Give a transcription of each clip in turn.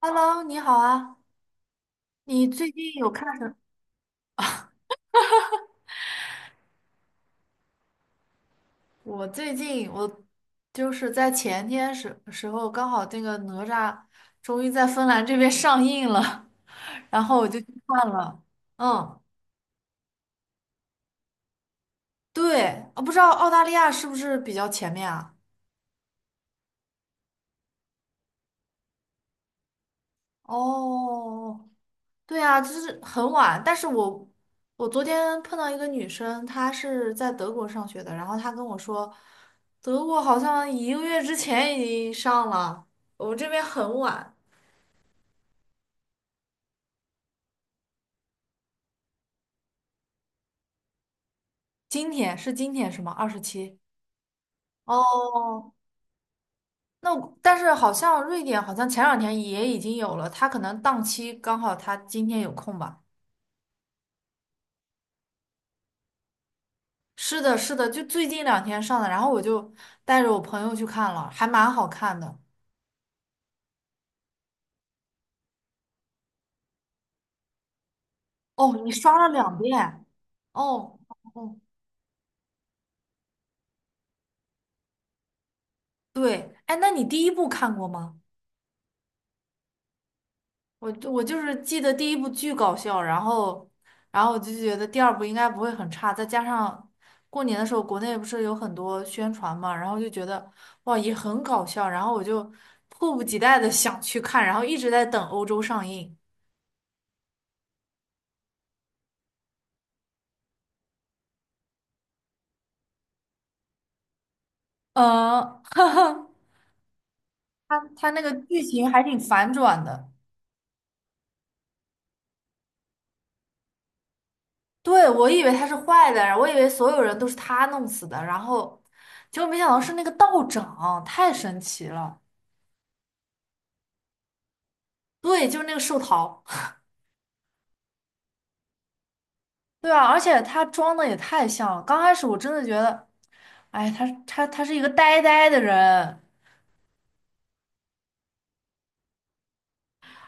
Hello，你好啊！你最近有看什我最近我就是在前天时候，刚好那个哪吒终于在芬兰这边上映了，然后我就去看了。嗯，对，我不知道澳大利亚是不是比较前面啊？哦，对啊，就是很晚。但是我我昨天碰到一个女生，她是在德国上学的，然后她跟我说，德国好像一个月之前已经上了，我们这边很晚。今天是吗？27。哦，那我但是好像瑞典好像前两天也已经有了，他可能档期刚好他今天有空吧。是的，是的，就最近两天上的，然后我就带着我朋友去看了，还蛮好看的。哦，你刷了两遍？哦哦，哦对，哎，那你第一部看过吗？我就是记得第一部巨搞笑，然后我就觉得第二部应该不会很差，再加上过年的时候国内不是有很多宣传嘛，然后就觉得哇也很搞笑，然后我就迫不及待的想去看，然后一直在等欧洲上映。嗯，哈哈，它那个剧情还挺反转的，对，我以为他是坏的，我以为所有人都是他弄死的，然后结果没想到是那个道长，太神奇了。对，就是那个寿桃。对啊，而且他装的也太像了。刚开始我真的觉得，哎，他是一个呆呆的人，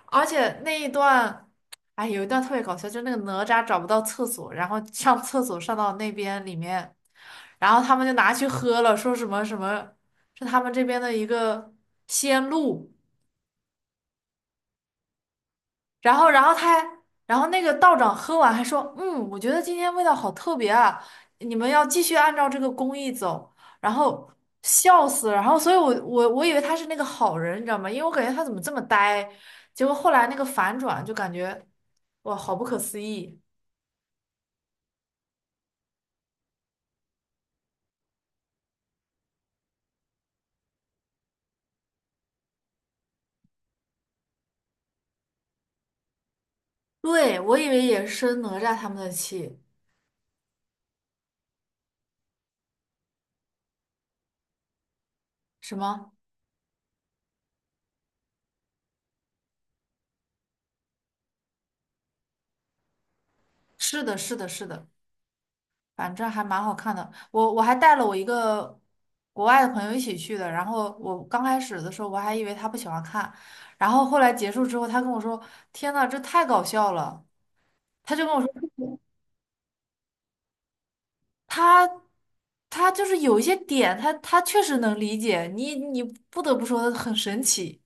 而且那一段，哎，有一段特别搞笑，就是那个哪吒找不到厕所，然后上厕所上到那边里面，然后他们就拿去喝了，说什么什么，是他们这边的一个仙露，然后，然后他还，然后那个道长喝完还说，嗯，我觉得今天味道好特别啊，你们要继续按照这个工艺走。然后笑死了，然后所以我以为他是那个好人，你知道吗？因为我感觉他怎么这么呆，结果后来那个反转就感觉，哇，好不可思议。对，我以为也是生哪吒他们的气，什么？是的，是的，是的。反正还蛮好看的。我还带了我一个国外的朋友一起去的，然后我刚开始的时候我还以为他不喜欢看，然后后来结束之后，他跟我说：“天呐，这太搞笑了！”他他就是有一些点，他确实能理解你，你不得不说很神奇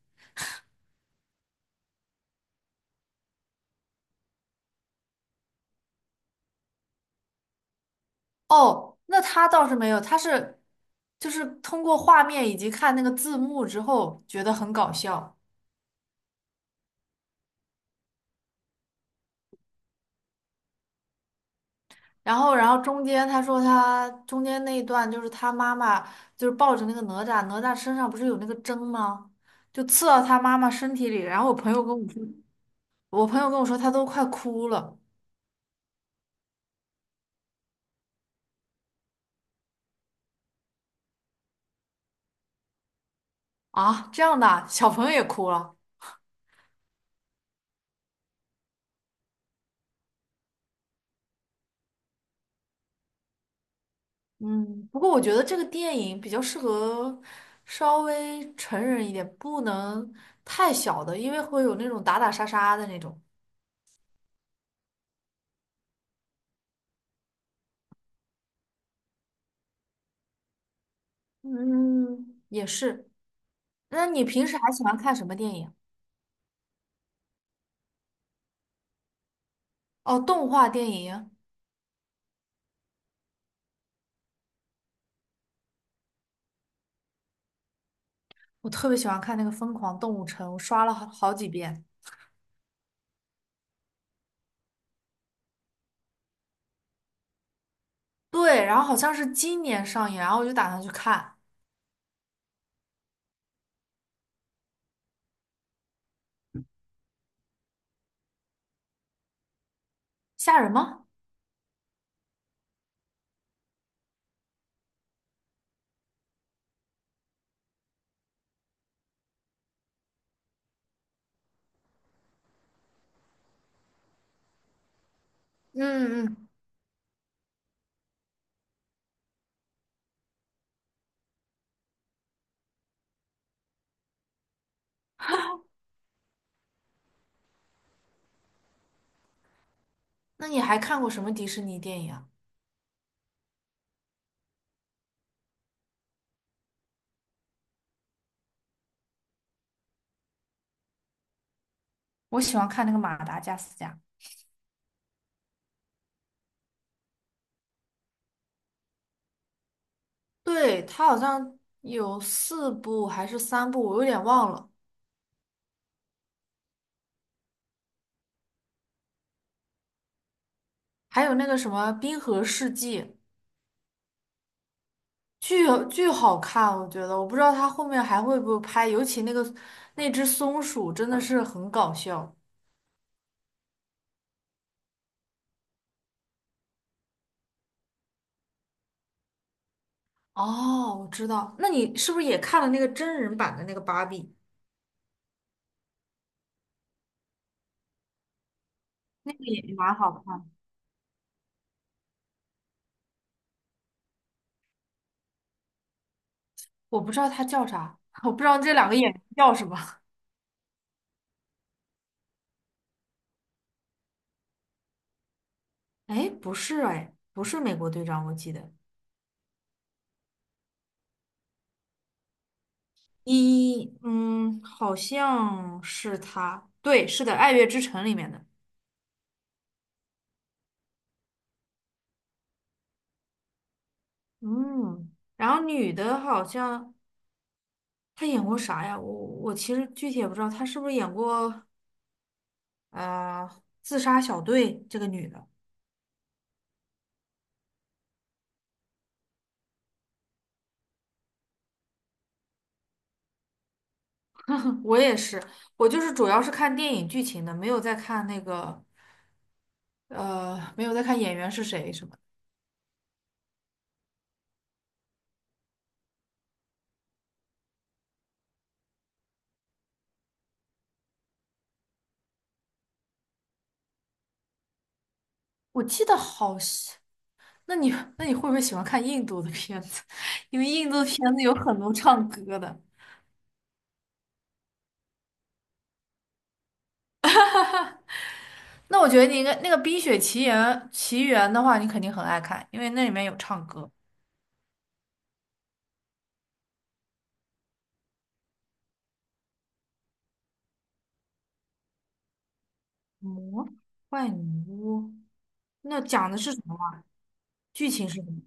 哦。那他倒是没有，他是就是通过画面以及看那个字幕之后觉得很搞笑。然后，然后中间他说他中间那一段就是他妈妈就是抱着那个哪吒，哪吒身上不是有那个针吗？就刺到他妈妈身体里。然后我朋友跟我说，我朋友跟我说他都快哭了。啊，这样的啊小朋友也哭了。嗯，不过我觉得这个电影比较适合稍微成人一点，不能太小的，因为会有那种打打杀杀的那种。嗯，也是。那你平时还喜欢看什么电影？哦，动画电影。我特别喜欢看那个《疯狂动物城》，我刷了好好几遍。对，然后好像是今年上映，然后我就打算去看。吓人吗？嗯嗯。那你还看过什么迪士尼电影啊？我喜欢看那个《马达加斯加》，对，它好像有四部还是三部，我有点忘了。还有那个什么《冰河世纪》，巨巨好看，我觉得。我不知道它后面还会不会拍，尤其那个那只松鼠真的是很搞笑。哦，我知道，那你是不是也看了那个真人版的那个芭比？那个也蛮好看。我不知道他叫啥，我不知道这两个演员叫什么。哎，不是哎，不是美国队长，我记得一，嗯，好像是他，对，是的，《爱乐之城》里面的。嗯，然后女的好像她演过啥呀？我其实具体也不知道，她是不是演过呃《自杀小队》这个女的？我也是，我就是主要是看电影剧情的，没有在看那个，没有在看演员是谁什么的。我记得好像，那你那你会不会喜欢看印度的片子？因为印度的片子有很多唱歌的。那我觉得你应该那个《冰雪奇缘》的话，你肯定很爱看，因为那里面有唱歌。魔幻女巫，那讲的是什么啊？剧情是什么？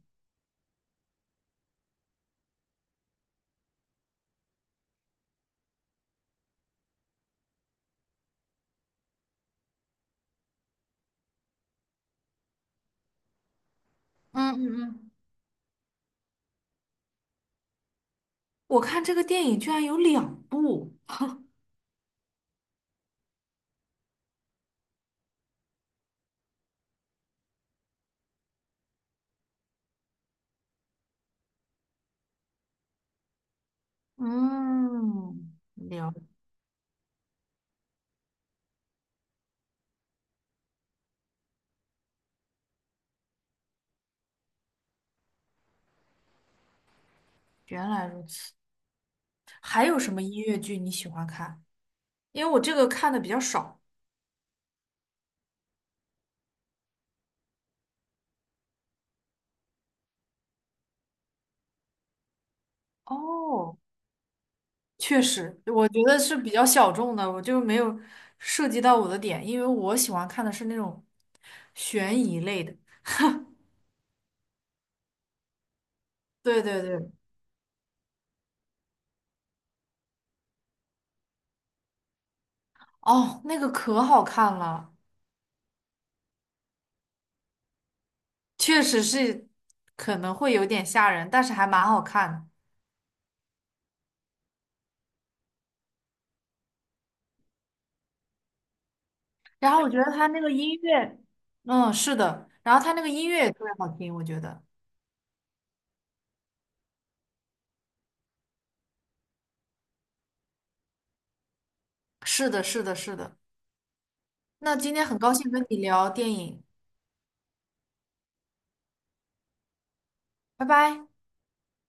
嗯嗯嗯。我看这个电影居然有两部。嗯，了，原来如此。还有什么音乐剧你喜欢看？因为我这个看的比较少。哦，确实，我觉得是比较小众的，我就没有涉及到我的点，因为我喜欢看的是那种悬疑类的。对对对，哦，那个可好看了，确实是可能会有点吓人，但是还蛮好看的。然后我觉得他那个音乐，嗯，是的，然后他那个音乐也特别好听，我觉得。是的，是的，是的。那今天很高兴跟你聊电影，拜拜。